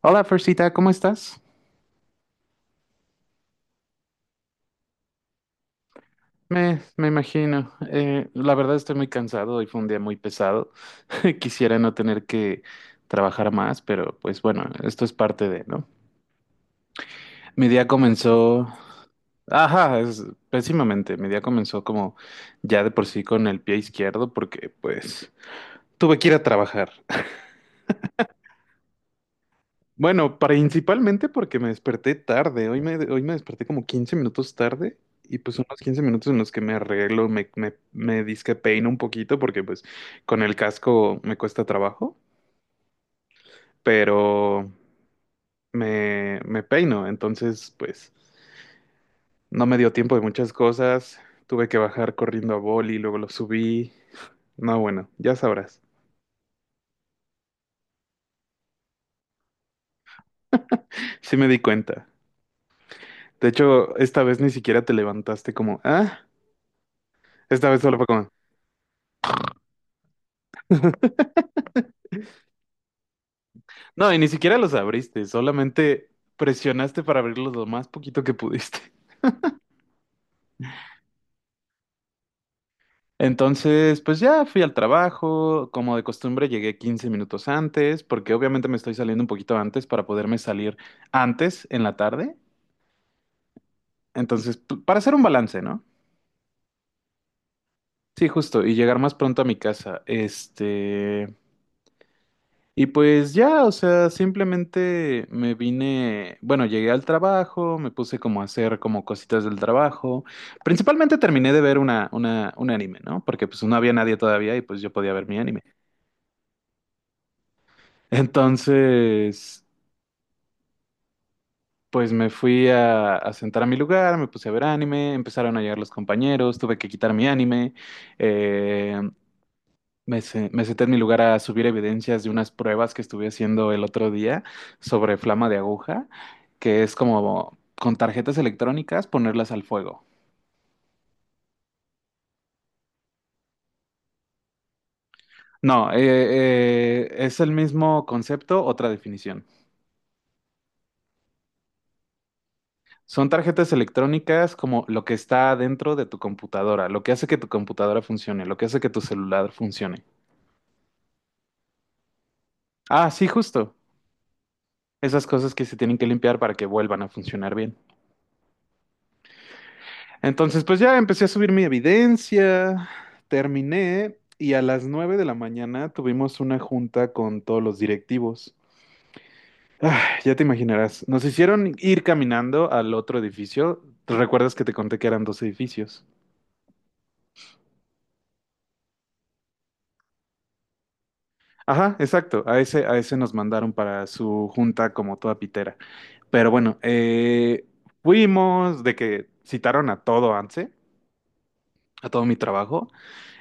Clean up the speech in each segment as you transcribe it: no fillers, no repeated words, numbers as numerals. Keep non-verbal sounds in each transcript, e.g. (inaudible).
Hola, Fersita, ¿cómo estás? Me imagino. La verdad estoy muy cansado, hoy fue un día muy pesado. (laughs) Quisiera no tener que trabajar más, pero pues bueno, esto es parte de, ¿no? Mi día comenzó, ajá, pésimamente. Mi día comenzó como ya de por sí con el pie izquierdo porque pues tuve que ir a trabajar. Bueno, principalmente porque me desperté tarde. Hoy me desperté como 15 minutos tarde y pues son los 15 minutos en los que me arreglo, me dizque peino un poquito porque pues con el casco me cuesta trabajo, pero me peino. Entonces pues no me dio tiempo de muchas cosas. Tuve que bajar corriendo a boli, luego lo subí. No, bueno, ya sabrás. Sí me di cuenta. De hecho, esta vez ni siquiera te levantaste como, ah, esta vez solo fue como... No, y ni siquiera los abriste, solamente presionaste para abrirlos lo más poquito que pudiste. Entonces, pues ya fui al trabajo, como de costumbre llegué 15 minutos antes, porque obviamente me estoy saliendo un poquito antes para poderme salir antes en la tarde. Entonces, para hacer un balance, ¿no? Sí, justo, y llegar más pronto a mi casa. Y pues ya, o sea, simplemente me vine, bueno, llegué al trabajo, me puse como a hacer como cositas del trabajo. Principalmente terminé de ver un anime, ¿no? Porque pues no había nadie todavía y pues yo podía ver mi anime. (laughs) Entonces, pues me fui a sentar a mi lugar, me puse a ver anime, empezaron a llegar los compañeros, tuve que quitar mi anime. eh, me senté en mi lugar a subir evidencias de unas pruebas que estuve haciendo el otro día sobre flama de aguja, que es como con tarjetas electrónicas ponerlas al fuego. No, es el mismo concepto, otra definición. Son tarjetas electrónicas como lo que está dentro de tu computadora, lo que hace que tu computadora funcione, lo que hace que tu celular funcione. Ah, sí, justo. Esas cosas que se tienen que limpiar para que vuelvan a funcionar bien. Entonces, pues ya empecé a subir mi evidencia, terminé y a las 9 de la mañana tuvimos una junta con todos los directivos. Ya te imaginarás, nos hicieron ir caminando al otro edificio. ¿Te ¿Recuerdas que te conté que eran dos edificios? Ajá, exacto. A ese nos mandaron para su junta como toda pitera. Pero bueno, fuimos de que citaron a todo ANSE, a todo mi trabajo.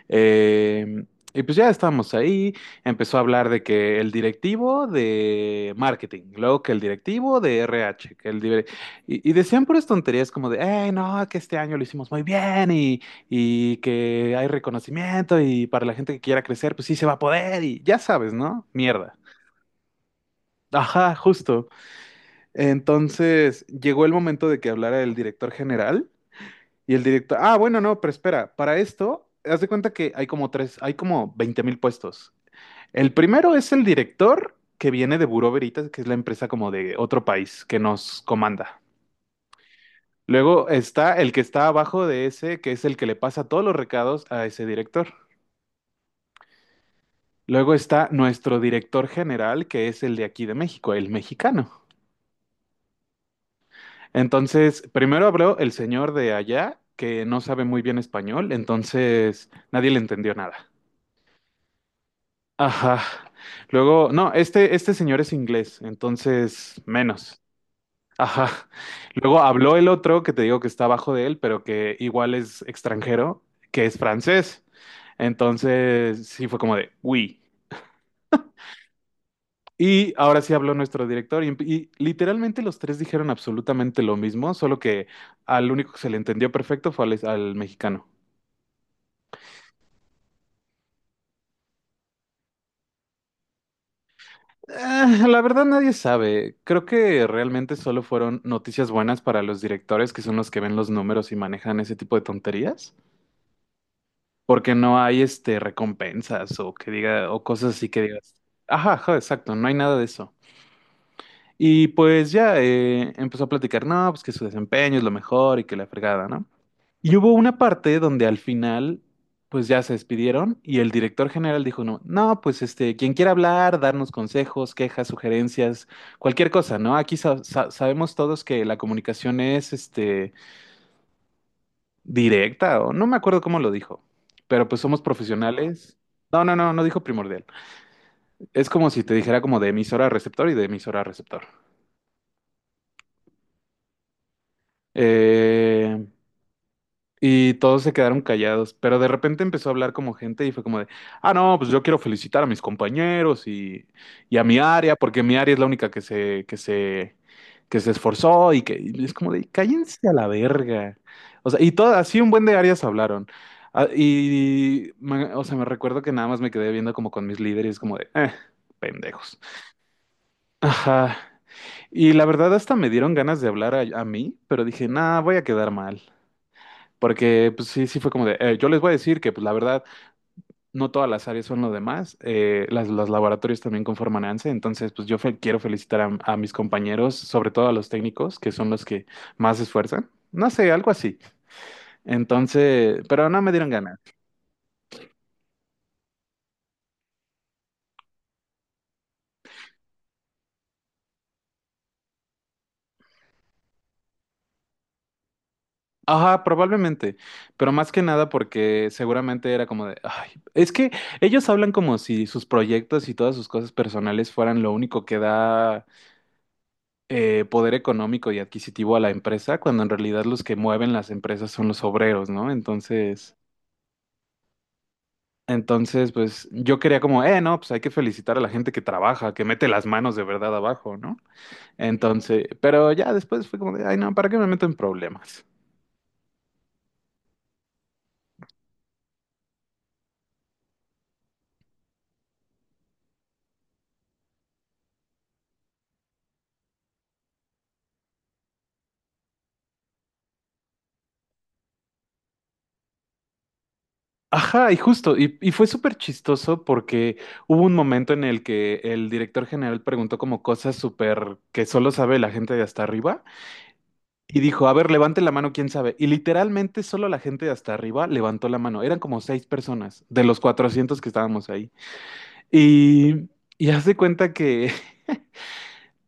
Eh, y pues ya estábamos ahí, empezó a hablar de que el directivo de marketing, luego que el directivo de RH, que el dire- y decían puras tonterías como de, hey, no, que este año lo hicimos muy bien y que hay reconocimiento y para la gente que quiera crecer, pues sí se va a poder y ya sabes, ¿no? Mierda. Ajá, justo. Entonces llegó el momento de que hablara el director general y el director, bueno, no, pero espera, para esto, haz de cuenta que hay como tres, hay como 20,000 puestos. El primero es el director que viene de Buró Veritas, que es la empresa como de otro país que nos comanda. Luego está el que está abajo de ese, que es el que le pasa todos los recados a ese director. Luego está nuestro director general, que es el de aquí de México, el mexicano. Entonces, primero habló el señor de allá, que no sabe muy bien español, entonces nadie le entendió nada. Ajá. Luego, no, este señor es inglés, entonces menos. Ajá. Luego habló el otro que te digo que está abajo de él, pero que igual es extranjero, que es francés. Entonces, sí fue como de, uy. Y ahora sí habló nuestro director y literalmente los tres dijeron absolutamente lo mismo, solo que al único que se le entendió perfecto fue al mexicano. Ah, la verdad nadie sabe. Creo que realmente solo fueron noticias buenas para los directores, que son los que ven los números y manejan ese tipo de tonterías, porque no hay recompensas o que diga o cosas así que digas. Ajá, ajá, exacto, no hay nada de eso. Y pues ya empezó a platicar, no, pues que su desempeño es lo mejor y que la fregada, ¿no? Y hubo una parte donde al final, pues ya se despidieron y el director general dijo, no, no, pues quien quiera hablar, darnos consejos, quejas, sugerencias, cualquier cosa, ¿no? Aquí sabemos todos que la comunicación es, directa o no me acuerdo cómo lo dijo, pero pues somos profesionales. No, no, no, no dijo primordial. Es como si te dijera como de emisora a receptor y de emisora a receptor. Eh, Y todos se quedaron callados, pero de repente empezó a hablar como gente y fue como de, ah, no, pues yo quiero felicitar a mis compañeros y a mi área, porque mi área es la única que se esforzó y es como de, cállense a la verga. O sea, y todo, así un buen de áreas hablaron. Ah, o sea, me recuerdo que nada más me quedé viendo como con mis líderes, como de, pendejos. Ajá. Y la verdad hasta me dieron ganas de hablar a mí, pero dije, nah, voy a quedar mal. Porque pues sí, sí fue como de, yo les voy a decir que pues la verdad no todas las áreas son lo demás, los laboratorios también conforman ANSE, entonces pues yo quiero felicitar a mis compañeros, sobre todo a los técnicos, que son los que más se esfuerzan, no sé, algo así. Entonces, pero no me dieron ganas. Ajá, probablemente, pero más que nada porque seguramente era como de, ay, es que ellos hablan como si sus proyectos y todas sus cosas personales fueran lo único que da poder económico y adquisitivo a la empresa, cuando en realidad los que mueven las empresas son los obreros, ¿no? Entonces, pues yo quería como, no, pues hay que felicitar a la gente que trabaja, que mete las manos de verdad abajo, ¿no? Entonces, pero ya después fue como de, ay, no, ¿para qué me meto en problemas? Ajá, y justo, y fue súper chistoso porque hubo un momento en el que el director general preguntó como cosas súper que solo sabe la gente de hasta arriba. Y dijo, a ver, levante la mano, quién sabe. Y literalmente solo la gente de hasta arriba levantó la mano. Eran como seis personas de los 400 que estábamos ahí. Y, y haz de cuenta que (laughs)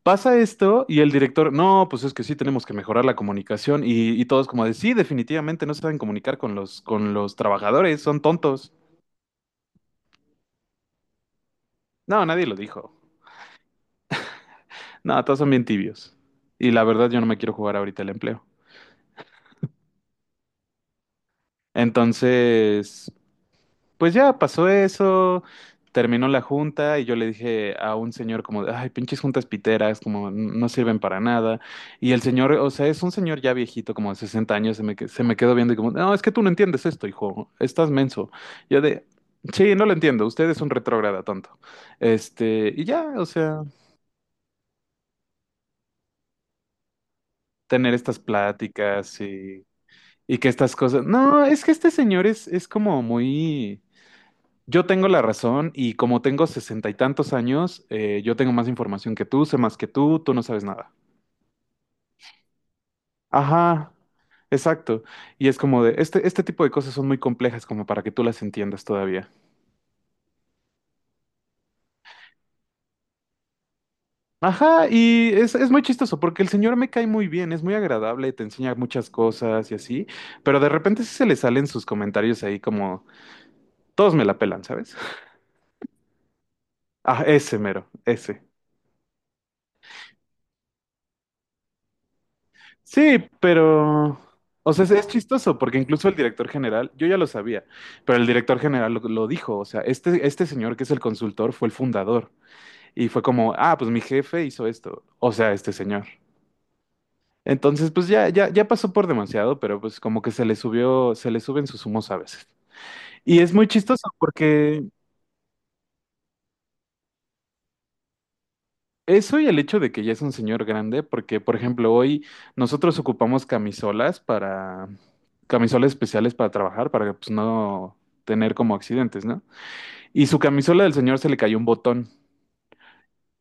pasa esto y el director, no, pues es que sí tenemos que mejorar la comunicación. Y todos como de, sí, definitivamente no saben comunicar con los, trabajadores, son tontos. No, nadie lo dijo. No, todos son bien tibios. Y la verdad yo no me quiero jugar ahorita el empleo. Entonces, pues ya pasó eso, terminó la junta y yo le dije a un señor como, de, ay, pinches juntas piteras, como no sirven para nada. Y el señor, o sea, es un señor ya viejito, como de 60 años, se me quedó viendo y como, no, es que tú no entiendes esto, hijo, estás menso. Yo de, sí, no lo entiendo, usted es un retrógrada tonto. Y ya, o sea, tener estas pláticas y que estas cosas, no, es que este señor es como muy... Yo tengo la razón y como tengo sesenta y tantos años, yo tengo más información que tú, sé más que tú no sabes nada. Ajá, exacto. Y es como de, este tipo de cosas son muy complejas como para que tú las entiendas todavía. Ajá, y es muy chistoso porque el señor me cae muy bien, es muy agradable, te enseña muchas cosas y así, pero de repente sí se le salen sus comentarios ahí como, todos me la pelan, ¿sabes? Ah, ese mero, ese. Sí, pero, o sea, es chistoso porque incluso el director general, yo ya lo sabía, pero el director general lo dijo, o sea, este señor que es el consultor fue el fundador y fue como, ah, pues mi jefe hizo esto, o sea, este señor. Entonces, pues ya pasó por demasiado, pero pues como que se le subió, se le suben sus humos a veces. Y es muy chistoso porque eso y el hecho de que ya es un señor grande, porque por ejemplo hoy nosotros ocupamos camisolas especiales para trabajar, para pues, no tener como accidentes, ¿no? Y su camisola del señor se le cayó un botón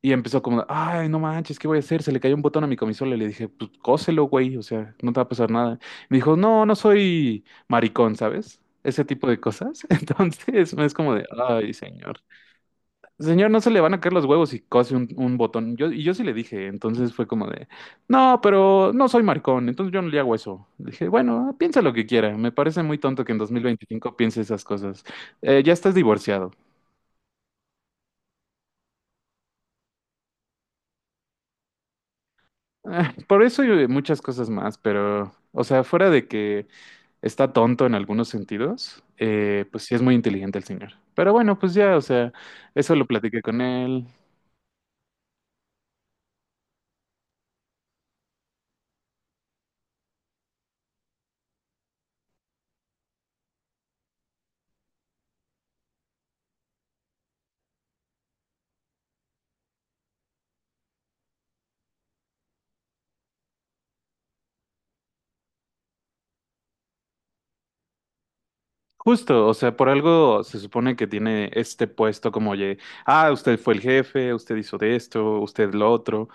y empezó como, ay, no manches, ¿qué voy a hacer? Se le cayó un botón a mi camisola y le dije, pues cóselo, güey, o sea, no te va a pasar nada. Me dijo, no, no soy maricón, ¿sabes? Ese tipo de cosas. (laughs) Entonces es como de, ay, señor. Señor, no se le van a caer los huevos y cose un botón. Y yo sí le dije, entonces fue como de, no, pero no soy maricón, entonces yo no le hago eso. Le dije, bueno, piensa lo que quiera, me parece muy tonto que en 2025 piense esas cosas. Ya estás divorciado. Ah, por eso y muchas cosas más, pero, o sea, fuera de que está tonto en algunos sentidos, pues sí es muy inteligente el señor. Pero bueno, pues ya, o sea, eso lo platiqué con él. Justo, o sea, por algo se supone que tiene este puesto como, oye, usted fue el jefe, usted hizo de esto, usted lo otro,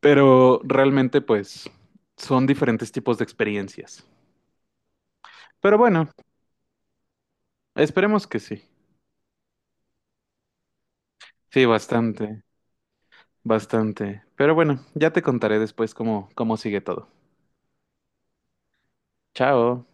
pero realmente pues son diferentes tipos de experiencias. Pero bueno, esperemos que sí. Sí, bastante, bastante. Pero bueno, ya te contaré después cómo sigue todo. Chao.